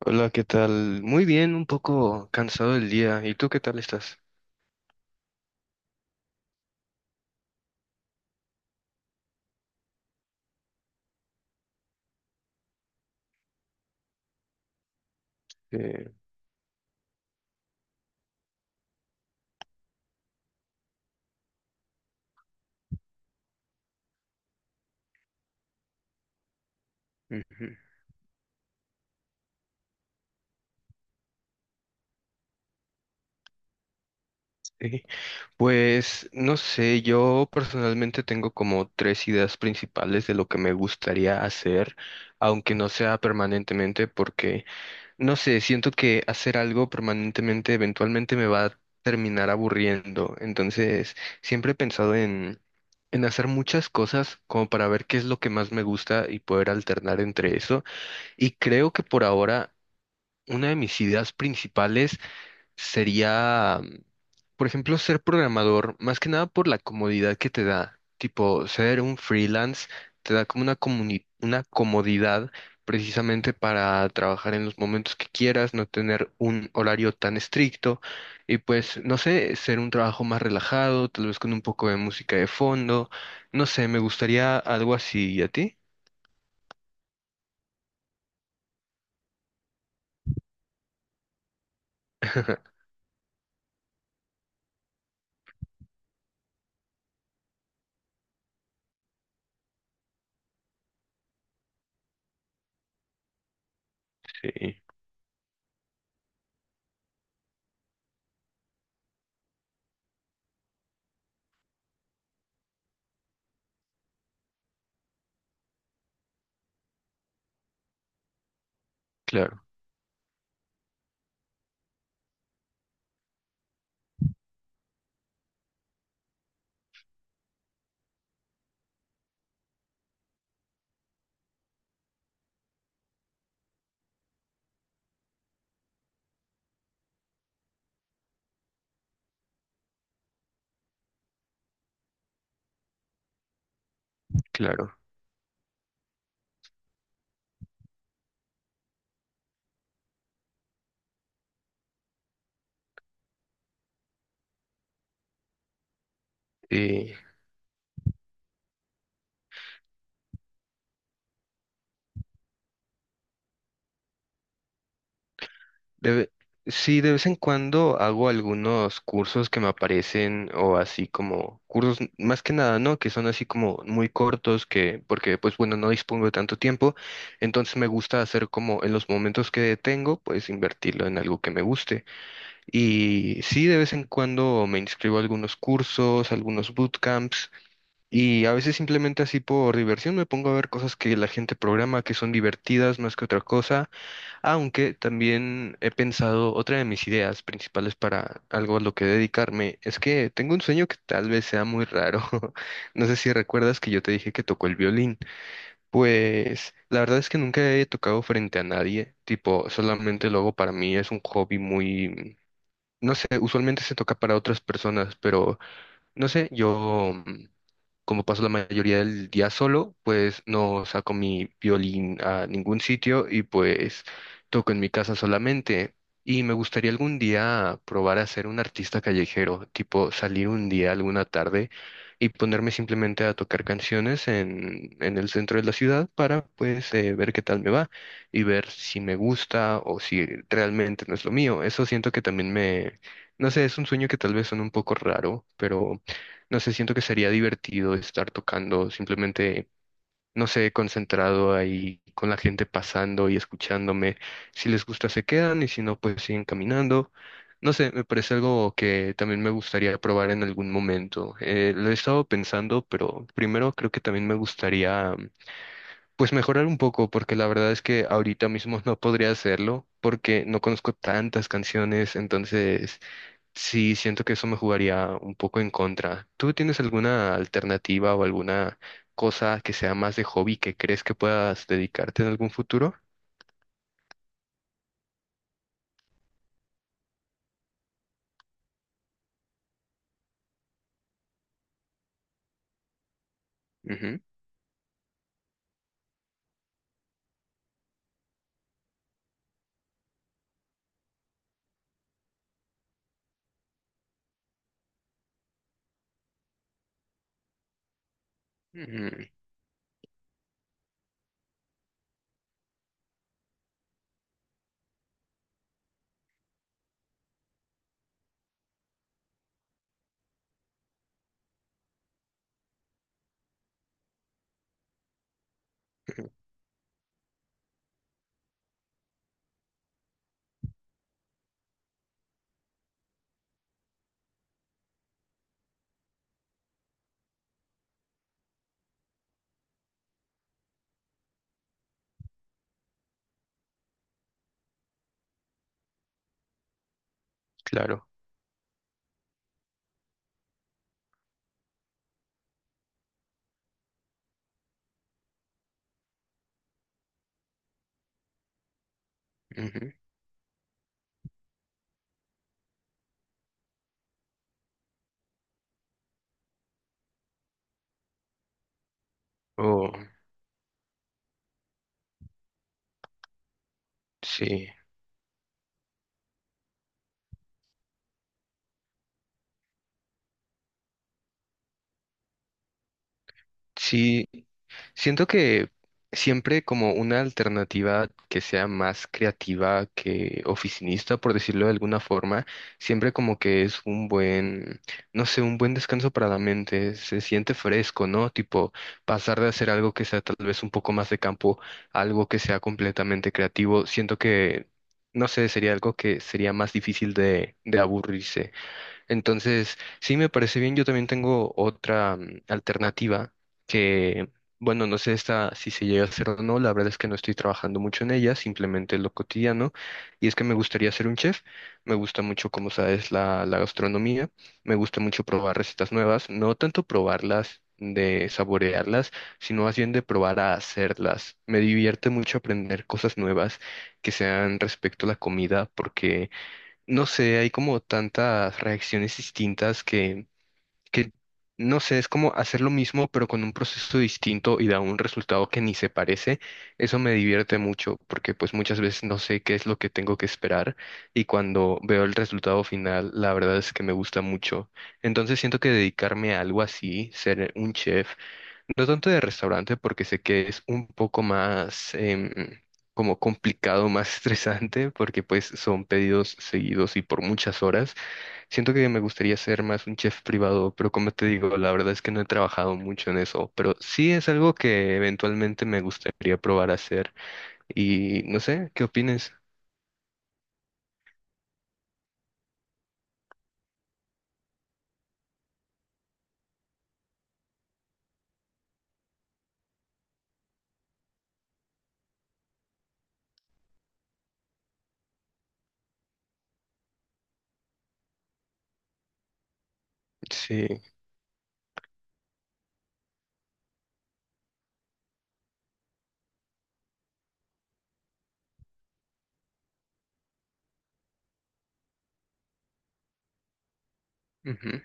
Hola, ¿qué tal? Muy bien, un poco cansado del día. ¿Y tú qué tal estás? Eh, ujú. Sí. Pues no sé, yo personalmente tengo como tres ideas principales de lo que me gustaría hacer, aunque no sea permanentemente, porque no sé, siento que hacer algo permanentemente eventualmente me va a terminar aburriendo. Entonces, siempre he pensado en hacer muchas cosas como para ver qué es lo que más me gusta y poder alternar entre eso. Y creo que por ahora una de mis ideas principales sería, por ejemplo, ser programador, más que nada por la comodidad que te da. Tipo, ser un freelance te da como una una comodidad precisamente para trabajar en los momentos que quieras, no tener un horario tan estricto y pues, no sé, ser un trabajo más relajado, tal vez con un poco de música de fondo. No sé, me gustaría algo así. ¿Y a ti? Sí, claro, claro. De ve- sí, de vez en cuando hago algunos cursos que me aparecen o así como cursos, más que nada, ¿no? Que son así como muy cortos, que porque pues bueno, no dispongo de tanto tiempo, entonces me gusta hacer como en los momentos que tengo, pues invertirlo en algo que me guste. Y sí, de vez en cuando me inscribo a algunos cursos, algunos bootcamps. Y a veces simplemente así por diversión me pongo a ver cosas que la gente programa que son divertidas más que otra cosa, aunque también he pensado, otra de mis ideas principales para algo a lo que dedicarme es que tengo un sueño que tal vez sea muy raro. No sé si recuerdas que yo te dije que tocó el violín. Pues la verdad es que nunca he tocado frente a nadie, tipo, solamente lo hago para mí, es un hobby muy, no sé, usualmente se toca para otras personas, pero no sé, yo... Como paso la mayoría del día solo, pues no saco mi violín a ningún sitio y pues toco en mi casa solamente. Y me gustaría algún día probar a ser un artista callejero, tipo salir un día, alguna tarde, y ponerme simplemente a tocar canciones en el centro de la ciudad para pues ver qué tal me va y ver si me gusta o si realmente no es lo mío. Eso siento que también me, no sé, es un sueño que tal vez suena un poco raro, pero no sé, siento que sería divertido estar tocando, simplemente, no sé, concentrado ahí con la gente pasando y escuchándome. Si les gusta, se quedan y si no, pues siguen caminando. No sé, me parece algo que también me gustaría probar en algún momento. Lo he estado pensando, pero primero creo que también me gustaría, pues mejorar un poco, porque la verdad es que ahorita mismo no podría hacerlo, porque no conozco tantas canciones, entonces... Sí, siento que eso me jugaría un poco en contra. ¿Tú tienes alguna alternativa o alguna cosa que sea más de hobby que crees que puedas dedicarte en algún futuro? Ujú, ujú, claro. Ujú. Oh, sí. Sí, siento que siempre como una alternativa que sea más creativa que oficinista, por decirlo de alguna forma, siempre como que es un buen, no sé, un buen descanso para la mente, se siente fresco, ¿no? Tipo, pasar de hacer algo que sea tal vez un poco más de campo, a algo que sea completamente creativo, siento que, no sé, sería algo que sería más difícil de aburrirse. Entonces, sí me parece bien. Yo también tengo otra alternativa que, bueno, no sé esta, si se llega a hacer o no. La verdad es que no estoy trabajando mucho en ella, simplemente es lo cotidiano. Y es que me gustaría ser un chef. Me gusta mucho, como sabes, la gastronomía. Me gusta mucho probar recetas nuevas. No tanto probarlas, de saborearlas, sino más bien de probar a hacerlas. Me divierte mucho aprender cosas nuevas que sean respecto a la comida porque no sé, hay como tantas reacciones distintas que, no sé, es como hacer lo mismo, pero con un proceso distinto y da un resultado que ni se parece. Eso me divierte mucho, porque pues muchas veces no sé qué es lo que tengo que esperar y cuando veo el resultado final, la verdad es que me gusta mucho. Entonces siento que dedicarme a algo así, ser un chef, no tanto de restaurante porque sé que es un poco más como complicado, más estresante porque pues son pedidos seguidos y por muchas horas. Siento que me gustaría ser más un chef privado, pero como te digo, la verdad es que no he trabajado mucho en eso, pero sí es algo que eventualmente me gustaría probar a hacer y no sé, ¿qué opinas? Sí, ujú,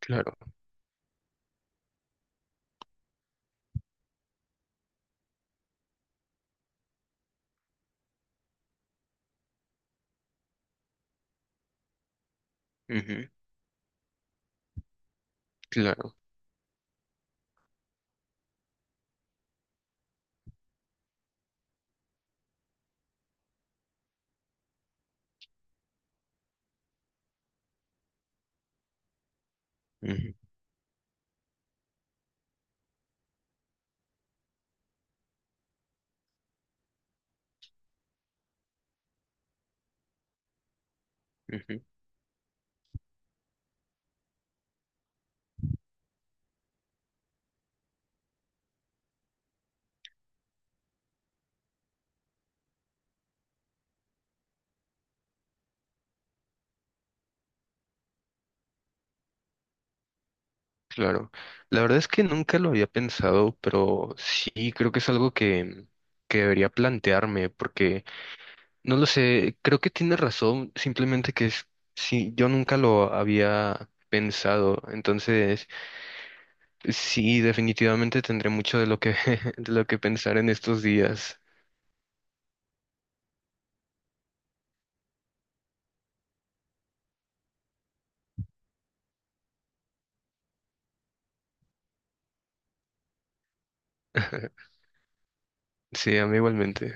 claro, ujú, claro. Ujú, ujú. Claro, la verdad es que nunca lo había pensado, pero sí creo que es algo que debería plantearme, porque no lo sé, creo que tiene razón, simplemente que es, sí, yo nunca lo había pensado, entonces sí, definitivamente tendré mucho de lo que, de lo que pensar en estos días. Sí, a mí igualmente.